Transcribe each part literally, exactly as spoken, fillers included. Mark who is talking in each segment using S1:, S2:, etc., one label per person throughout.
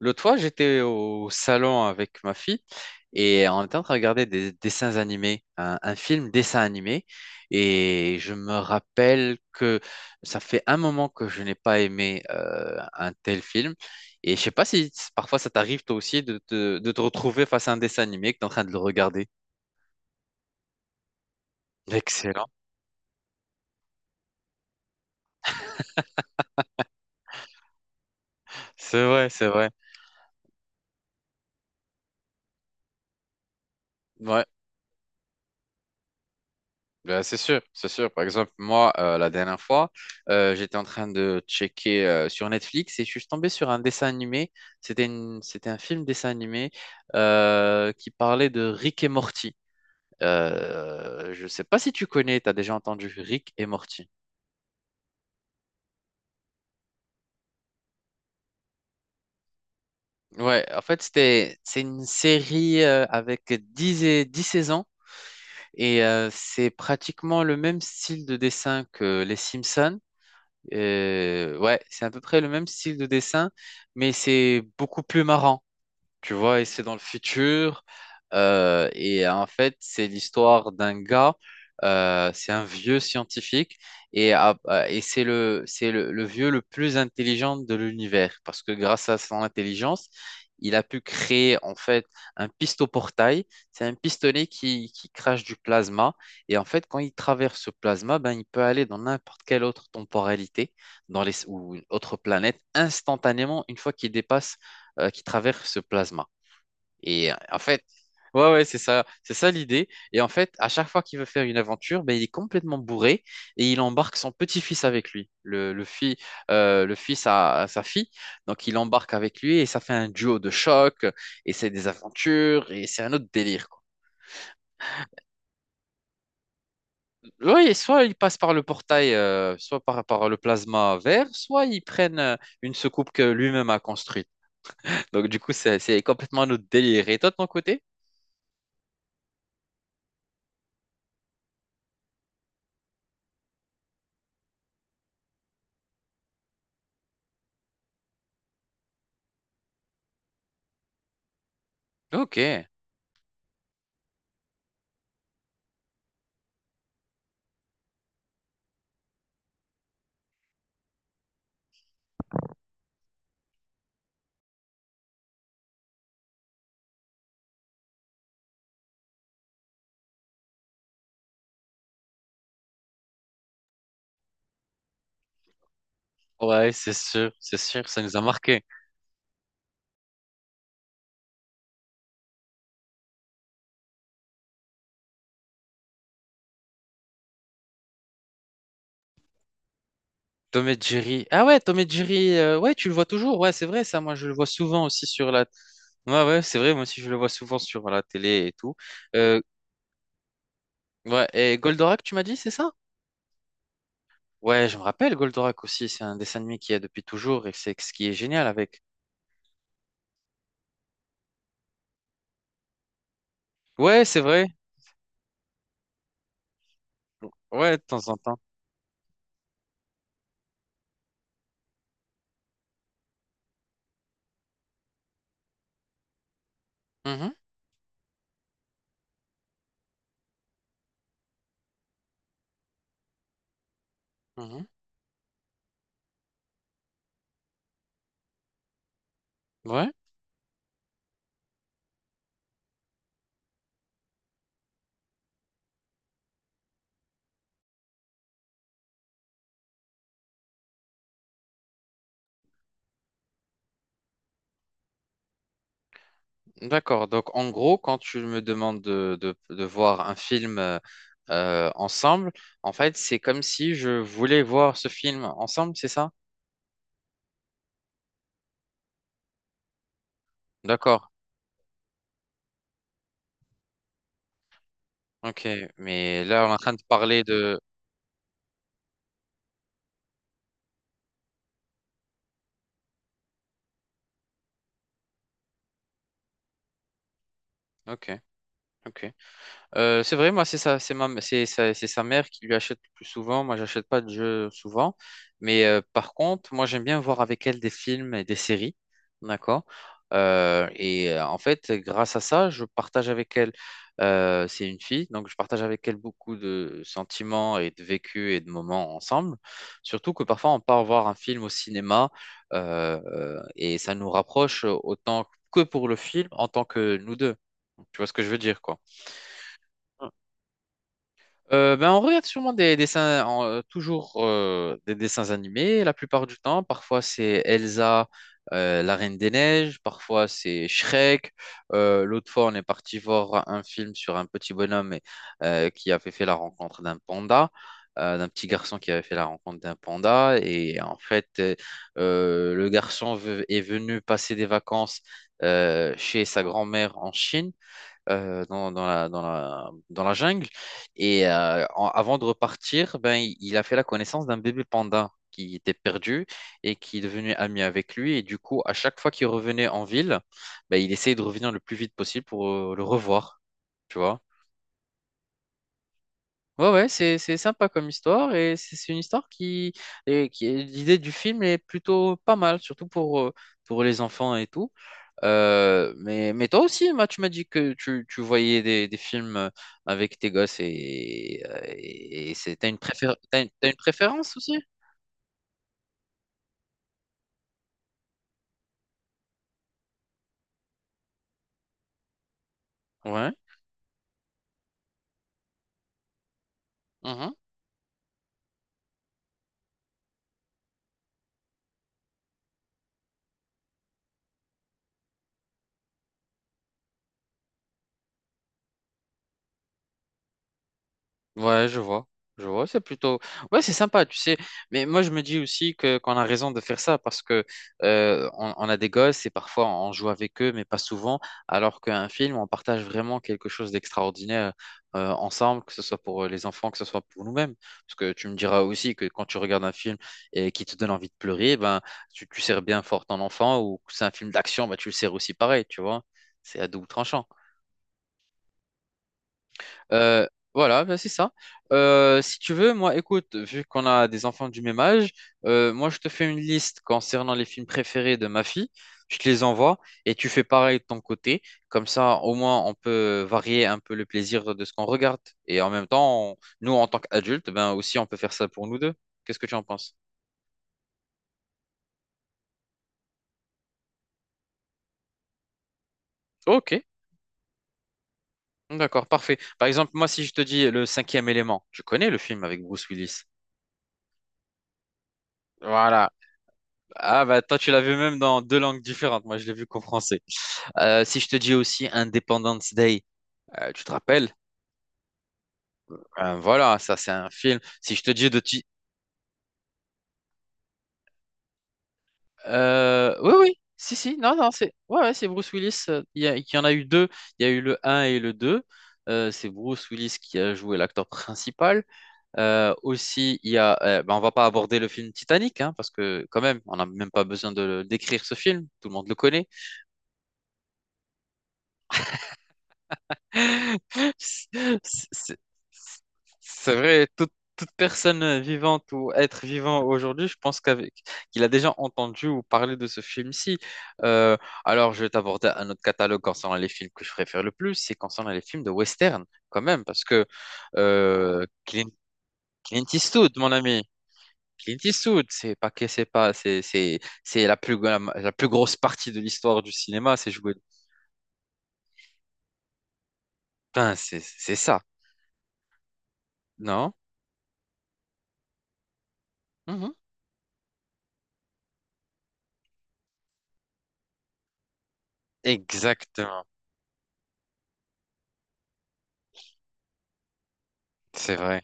S1: L'autre fois, j'étais au salon avec ma fille et on était en train de regarder des dessins animés, un, un film dessin animé. Et je me rappelle que ça fait un moment que je n'ai pas aimé euh, un tel film. Et je sais pas si parfois ça t'arrive toi aussi de te, de te retrouver face à un dessin animé que tu es en train de le regarder. Excellent. C'est vrai, c'est vrai. Ouais. Ben, c'est sûr, c'est sûr. Par exemple, moi, euh, la dernière fois, euh, j'étais en train de checker euh, sur Netflix et je suis tombé sur un dessin animé. C'était une- c'était un film dessin animé euh, qui parlait de Rick et Morty. Euh, je ne sais pas si tu connais, tu as déjà entendu Rick et Morty. Ouais, en fait, c'était, c'est une série euh, avec dix et, dix saisons et euh, c'est pratiquement le même style de dessin que Les Simpsons. Euh, ouais, c'est à peu près le même style de dessin, mais c'est beaucoup plus marrant tu vois, et c'est dans le futur. Euh, et en fait, c'est l'histoire d'un gars, euh, c'est un vieux scientifique, et, à- à- et c'est le, c'est le, le vieux le plus intelligent de l'univers, parce que grâce à son intelligence, il a pu créer en fait un pistoportail. C'est un pistolet qui, qui crache du plasma, et en fait, quand il traverse ce plasma, ben, il peut aller dans n'importe quelle autre temporalité, dans les, ou une autre planète, instantanément, une fois qu'il dépasse, euh, qu'il traverse ce plasma. Et en fait, ouais, ouais, c'est ça, c'est ça l'idée. Et en fait, à chaque fois qu'il veut faire une aventure, ben, il est complètement bourré et il embarque son petit-fils avec lui, le, le, fi- euh, le fils à, à sa fille. Donc, il embarque avec lui et ça fait un duo de choc et c'est des aventures et c'est un autre délire, quoi. Oui, soit ils passent par le portail, euh, soit par, par le plasma vert, soit ils prennent euh, une soucoupe que lui-même a construite. Donc, du coup, c'est c'est complètement un autre délire. Et toi, de ton côté? Ok. Ouais, c'est sûr, c'est sûr, ça nous a marqué. Tom et Jerry. Ah ouais, Tom et Jerry, euh, ouais, tu le vois toujours. Ouais, c'est vrai, ça, moi, je le vois souvent aussi sur la. Ouais, ouais, c'est vrai, moi aussi, je le vois souvent sur la télé et tout. Euh, ouais, et Goldorak, tu m'as dit, c'est ça? Ouais, je me rappelle, Goldorak aussi, c'est un dessin animé qu'il y a depuis toujours et c'est ce qui est génial avec. Ouais, c'est vrai. Ouais, de temps en temps. Mhm, mhm. Ouais. D'accord. Donc, en gros, quand tu me demandes de, de- de voir un film euh, euh, ensemble, en fait, c'est comme si je voulais voir ce film ensemble, c'est ça? D'accord. Ok. Mais là, on est en train de parler de... Ok. Ok. Euh, c'est vrai, moi, c'est sa, c'est ma, c'est, sa c'est sa mère qui lui achète le plus souvent. Moi, j'achète pas de jeux souvent. Mais euh, par contre, moi, j'aime bien voir avec elle des films et des séries. D'accord? Euh, et euh, en fait, grâce à ça, je partage avec elle. Euh, c'est une fille, donc je partage avec elle beaucoup de sentiments et de vécus et de moments ensemble. Surtout que parfois, on part voir un film au cinéma euh, euh, et ça nous rapproche autant que pour le film en tant que nous deux. Tu vois ce que je veux dire, quoi. Euh, ben on regarde sûrement des dessins, en- euh, toujours euh, des dessins animés la plupart du temps. Parfois c'est Elsa, euh, la Reine des Neiges, parfois c'est Shrek. Euh, l'autre fois on est parti voir un film sur un petit bonhomme euh, qui avait fait la rencontre d'un panda, euh, d'un petit garçon qui avait fait la rencontre d'un panda. Et en fait euh, euh, le garçon veut- est venu passer des vacances euh, chez sa grand-mère en Chine euh, dans, dans la, dans la, dans la jungle. Et euh, en- avant de repartir, ben, il il a fait la connaissance d'un bébé panda qui était perdu et qui est devenu ami avec lui. Et du coup, à chaque fois qu'il revenait en ville, ben, il essayait de revenir le plus vite possible pour euh, le revoir. Tu vois? Ouais, ouais, c'est, c'est sympa comme histoire et c'est c'est une histoire qui, et qui l'idée du film est plutôt pas mal, surtout pour, euh, pour les enfants et tout. Euh, mais, mais toi aussi, Emma, tu m'as dit que tu, tu voyais des, des films euh, avec tes gosses et, euh, et c'est, t'as une préfé- t'as une, t'as une préférence aussi? Ouais. Ouais, je vois. Je vois, c'est plutôt... Ouais, c'est sympa, tu sais. Mais moi, je me dis aussi que qu'on a raison de faire ça parce que euh, on, on a des gosses et parfois on joue avec eux, mais pas souvent. Alors qu'un film, on partage vraiment quelque chose d'extraordinaire euh, ensemble, que ce soit pour les enfants, que ce soit pour nous-mêmes. Parce que tu me diras aussi que quand tu regardes un film et qui te donne envie de pleurer, ben, tu, tu serres bien fort ton enfant ou que c'est un film d'action, ben, tu le serres aussi pareil, tu vois. C'est à double tranchant. Euh, voilà, bah, c'est ça. Euh, si tu veux, moi, écoute, vu qu'on a des enfants du même âge, euh, moi, je te fais une liste concernant les films préférés de ma fille. Je te les envoie et tu fais pareil de ton côté. Comme ça, au moins, on peut varier un peu le plaisir de ce qu'on regarde. Et en même temps, on- nous, en tant qu'adultes, ben aussi, on peut faire ça pour nous deux. Qu'est-ce que tu en penses? Ok, d'accord, parfait. Par exemple, moi, si je te dis Le Cinquième Élément, tu connais le film avec Bruce Willis? Voilà. Ah, bah, toi, tu l'as vu même dans deux langues différentes. Moi, je l'ai vu qu'en français. Euh, si je te dis aussi Independence Day, euh, tu te rappelles? Euh, voilà, ça c'est un film. Si je te dis de ti- Euh, oui, oui, si, si, non, non, c'est ouais, ouais, c'est Bruce Willis. euh, Il y, a- il y en a eu deux. Il y a eu le un et le deux. Euh, c'est Bruce Willis qui a joué l'acteur principal. Euh, aussi, il y a, euh, ben, on va pas aborder le film Titanic, hein, parce que quand même, on n'a même pas besoin de le- d'écrire ce film. Tout le monde le connaît. C'est c'est- c'est vrai, toute, toute personne vivante ou être vivant aujourd'hui, je pense qu'avec, qu'il a déjà entendu ou parlé de ce film-ci. Euh, alors, je vais t'aborder un autre catalogue concernant les films que je préfère le plus, c'est concernant les films de western, quand même, parce que euh, Clint, Clint Eastwood, mon ami. Clint Eastwood, c'est pas que c'est pas, c'est c'est c'est la plus la, la plus grosse partie de l'histoire du cinéma, c'est jouer. Putain, c'est c'est ça, non? Mhm. Exactement. C'est vrai.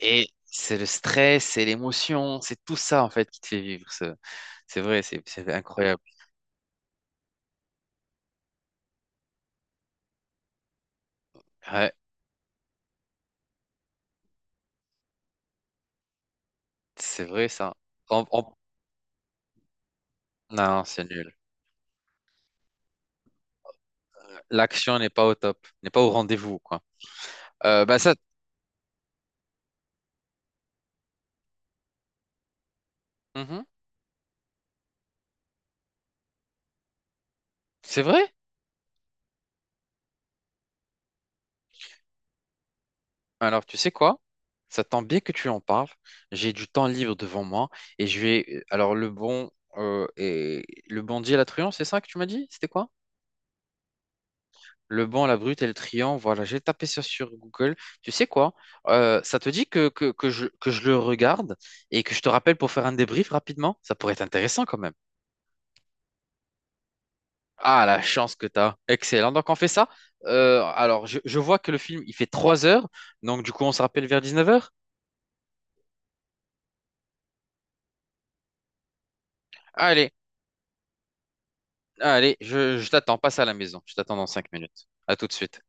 S1: Et c'est le stress, c'est l'émotion, c'est tout ça en fait qui te fait vivre. ce- C'est vrai, c'est c'est incroyable. Ouais, c'est vrai ça. On- on- Non, c'est nul. L'action n'est pas au top, n'est pas au rendez-vous, quoi. Euh, bah ça, Mhm. C'est vrai. Alors, tu sais quoi? Ça tombe bien que tu en parles. J'ai du temps libre devant moi et je vais. euh, Alors, le bon euh, et le bon Dieu la truand, c'est ça que tu m'as dit? C'était quoi? Le banc, la brute et le triangle, voilà, j'ai tapé ça sur Google. Tu sais quoi? Euh, ça te dit que, que, que je, que je le regarde et que je te rappelle pour faire un débrief rapidement? Ça pourrait être intéressant quand même. Ah, la chance que tu as. Excellent. Donc, on fait ça. Euh, alors, je, je vois que le film, il fait trois heures. Donc, du coup, on se rappelle vers dix-neuf heures. Allez, allez, je, je t'attends. Passe à la maison. Je t'attends dans cinq minutes. À tout de suite.